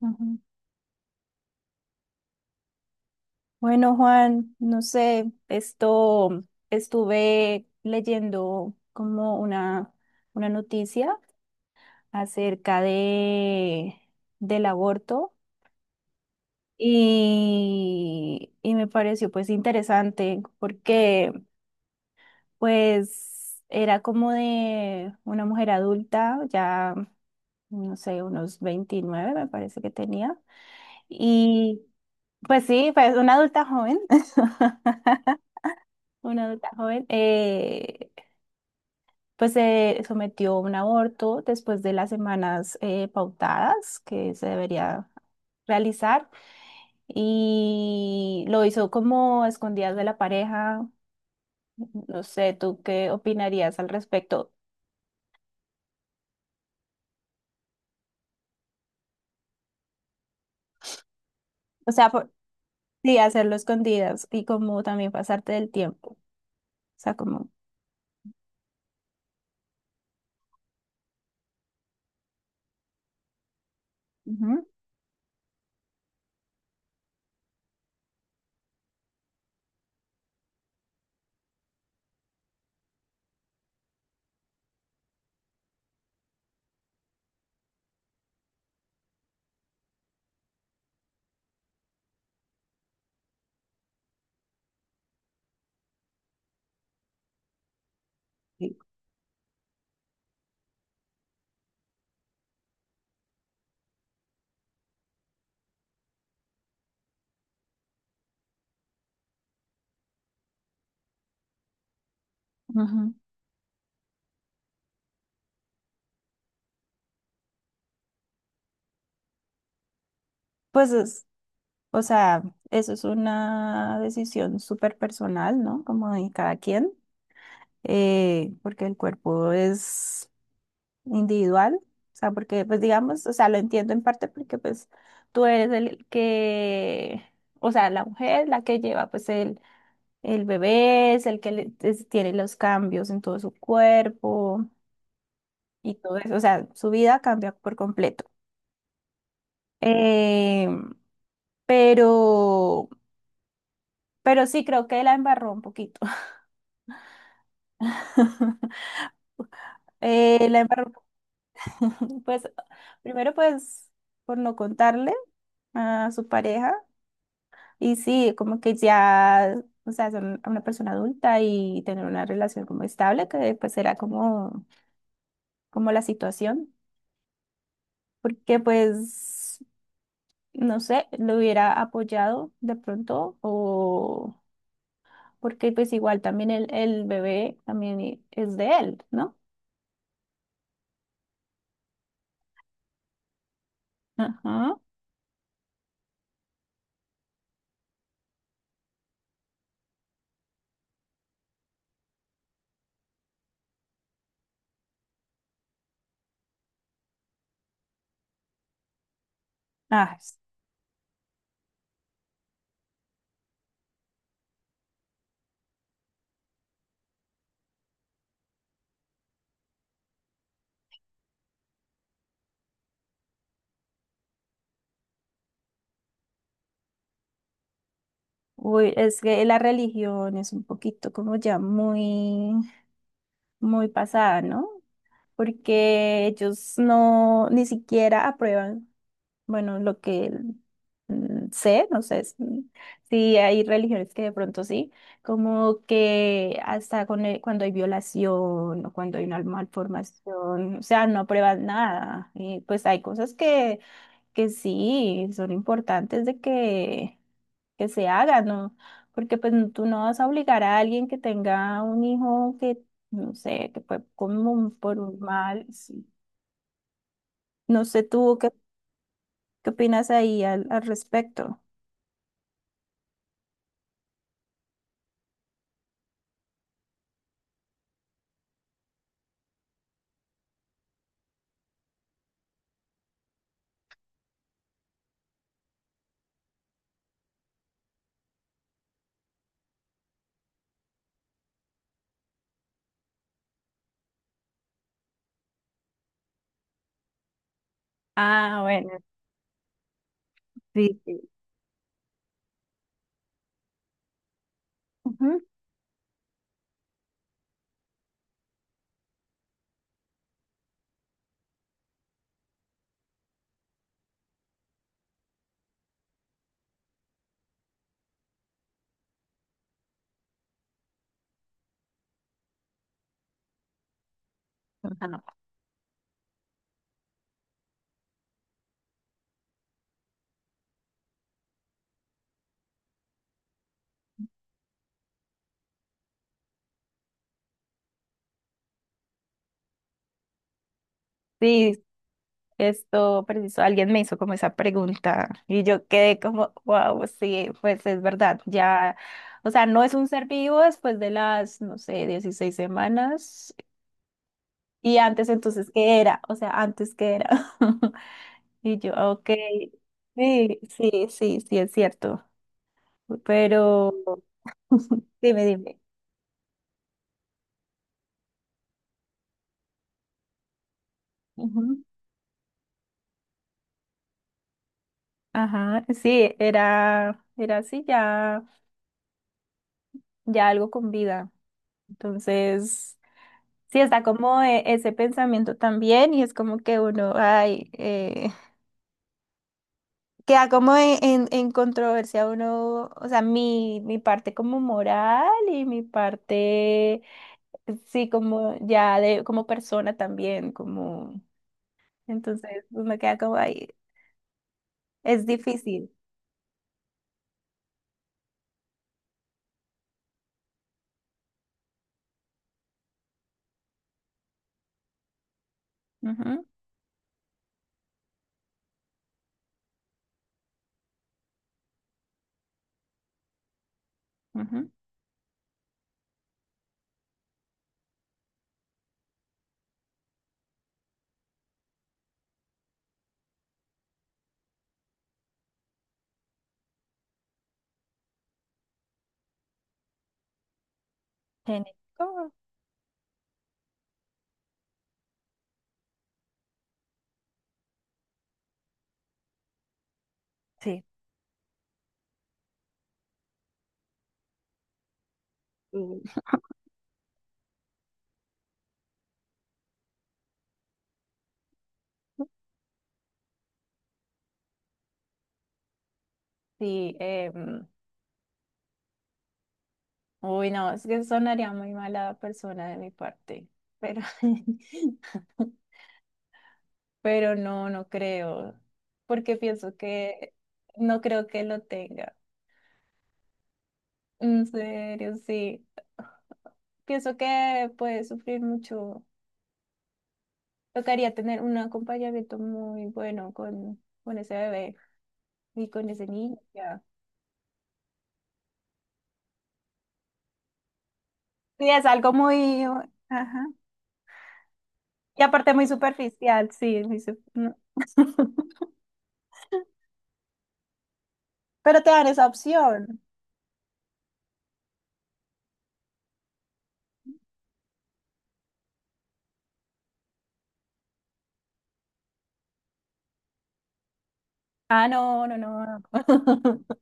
Ujú. Bueno, Juan, no sé, esto estuve leyendo como una noticia acerca de del aborto y me pareció pues interesante porque pues era como de una mujer adulta, ya no sé, unos 29 me parece que tenía y pues sí, pues una adulta joven. Una adulta joven, pues se sometió a un aborto después de las semanas pautadas que se debería realizar y lo hizo como a escondidas de la pareja. No sé, ¿tú qué opinarías al respecto? O sea, por- sí, hacerlo escondidas y como también pasarte del tiempo. Sea, como... Ujú, ujú. Pues es, o sea, Eso es una decisión súper personal, ¿no? Como de cada quien. Porque el cuerpo es individual, o sea, porque pues digamos, o sea, lo entiendo en parte porque pues tú eres el que, o sea, la mujer, la que lleva pues el bebé, es el que le- es- tiene los cambios en todo su cuerpo y todo eso, o sea, su vida cambia por completo. Eh, pero, pero sí creo que la embarró un poquito. La embarró. Pues primero, pues por no contarle a su pareja. Y sí, como que ya, o sea, son una persona adulta y tener una relación como estable, que pues era como, como la situación, porque pues, no sé, lo hubiera apoyado de pronto, o porque pues igual también el bebé también es de él, ¿no? Ajá. Ah, es- Uy, es que la religión es un poquito como ya muy pasada, ¿no? Porque ellos no ni siquiera aprueban, bueno, lo que mm, sé, no sé si hay religiones que de pronto sí, como que hasta con cuando hay violación o cuando hay una malformación, o sea, no aprueban nada. Y pues hay cosas que sí son importantes de que se hagan, ¿no? Porque pues tú no vas a obligar a alguien que tenga un hijo que no sé, que fue como por un mal, sí. No sé tú qué, qué opinas ahí al, al respecto. Ah, bueno, sí, sí. Ujú. Ajá, no. Sí, esto preciso, alguien me hizo como esa pregunta y yo quedé como, wow, sí, pues es verdad, ya, o sea, no es un ser vivo después de las, no sé, 16 semanas y antes entonces, ¿qué era? O sea, antes, ¿qué era? Y yo, ok, sí, sí, sí, sí, es cierto, pero dime, dime. Ajá, sí, era así, ya, ya algo con vida. Entonces sí, está como ese pensamiento también y es como que uno, ay, queda como en controversia uno, o sea, mi parte como moral y mi parte, sí, como ya de, como persona también, como, entonces uno queda como, ay, es difícil. Ujú, ujú. Genético. Sí. Sí, sí, uy, no, es que sonaría muy mala persona de mi parte, pero pero no, no creo, porque pienso que no creo que lo tenga. En serio, sí. Pienso que puede sufrir mucho. Tocaría tener un acompañamiento muy bueno con ese bebé y con ese niño. Ya. Sí, es algo muy... Ajá. Y aparte muy superficial, sí. Pero te dan esa opción. Ah, no, no, no.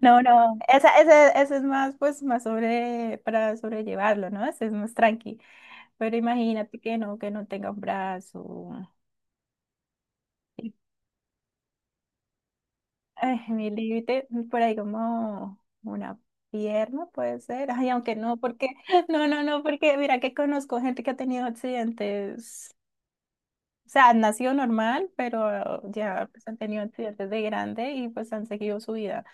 No, no. Ese, ese es más, pues, más sobre, para sobrellevarlo, ¿no? Ese es más tranqui. Pero imagínate que no tenga un brazo. Y, ay, mi límite, por ahí como una pierna puede ser. Ay, aunque no, porque no, no, no, porque mira que conozco gente que ha tenido accidentes. O sea, nació normal, pero ya pues, han tenido accidentes de grande y pues han seguido su vida.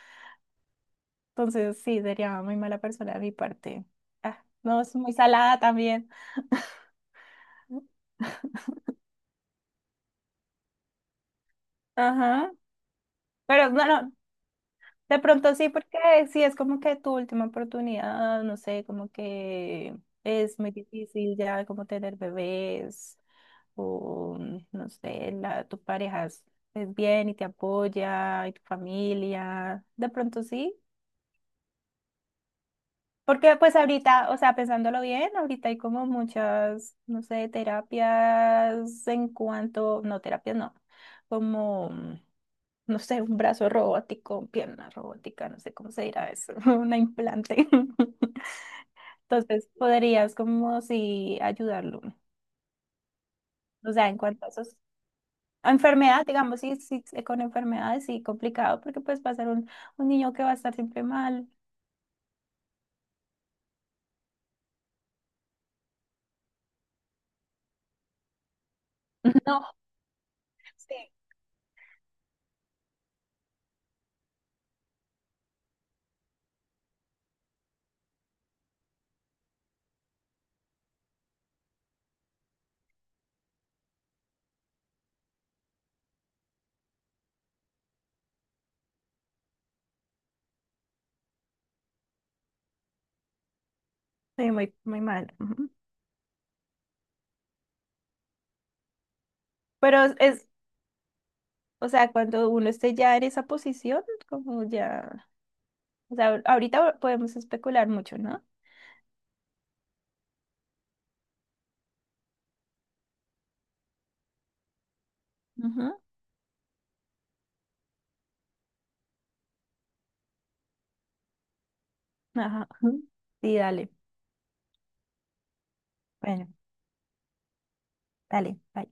Entonces sí, sería muy mala persona de mi parte. Ah, no, es muy salada también. Ajá. Pero no, no, de pronto sí, porque sí es como que tu última oportunidad, no sé, como que es muy difícil ya como tener bebés o no sé, la, tu pareja es bien y te apoya y tu familia. De pronto sí. Porque pues ahorita, o sea, pensándolo bien, ahorita hay como muchas, no sé, terapias en cuanto, no, terapias no, como, no sé, un brazo robótico, pierna robótica, no sé cómo se dirá eso, una implante. Entonces podrías como si ayudarlo, o sea, en cuanto a esos... A enfermedad, digamos, sí, sí, sí, con enfermedades sí complicado, porque pues va a ser un niño que va a estar siempre mal. No, sí, sí, muy, muy mal. Ujú. Pero es, o sea, cuando uno esté ya en esa posición, como ya, o sea, ahorita podemos especular mucho, ¿no? Ujú, ajá. Ujú. Sí, dale. Bueno, dale. Bye.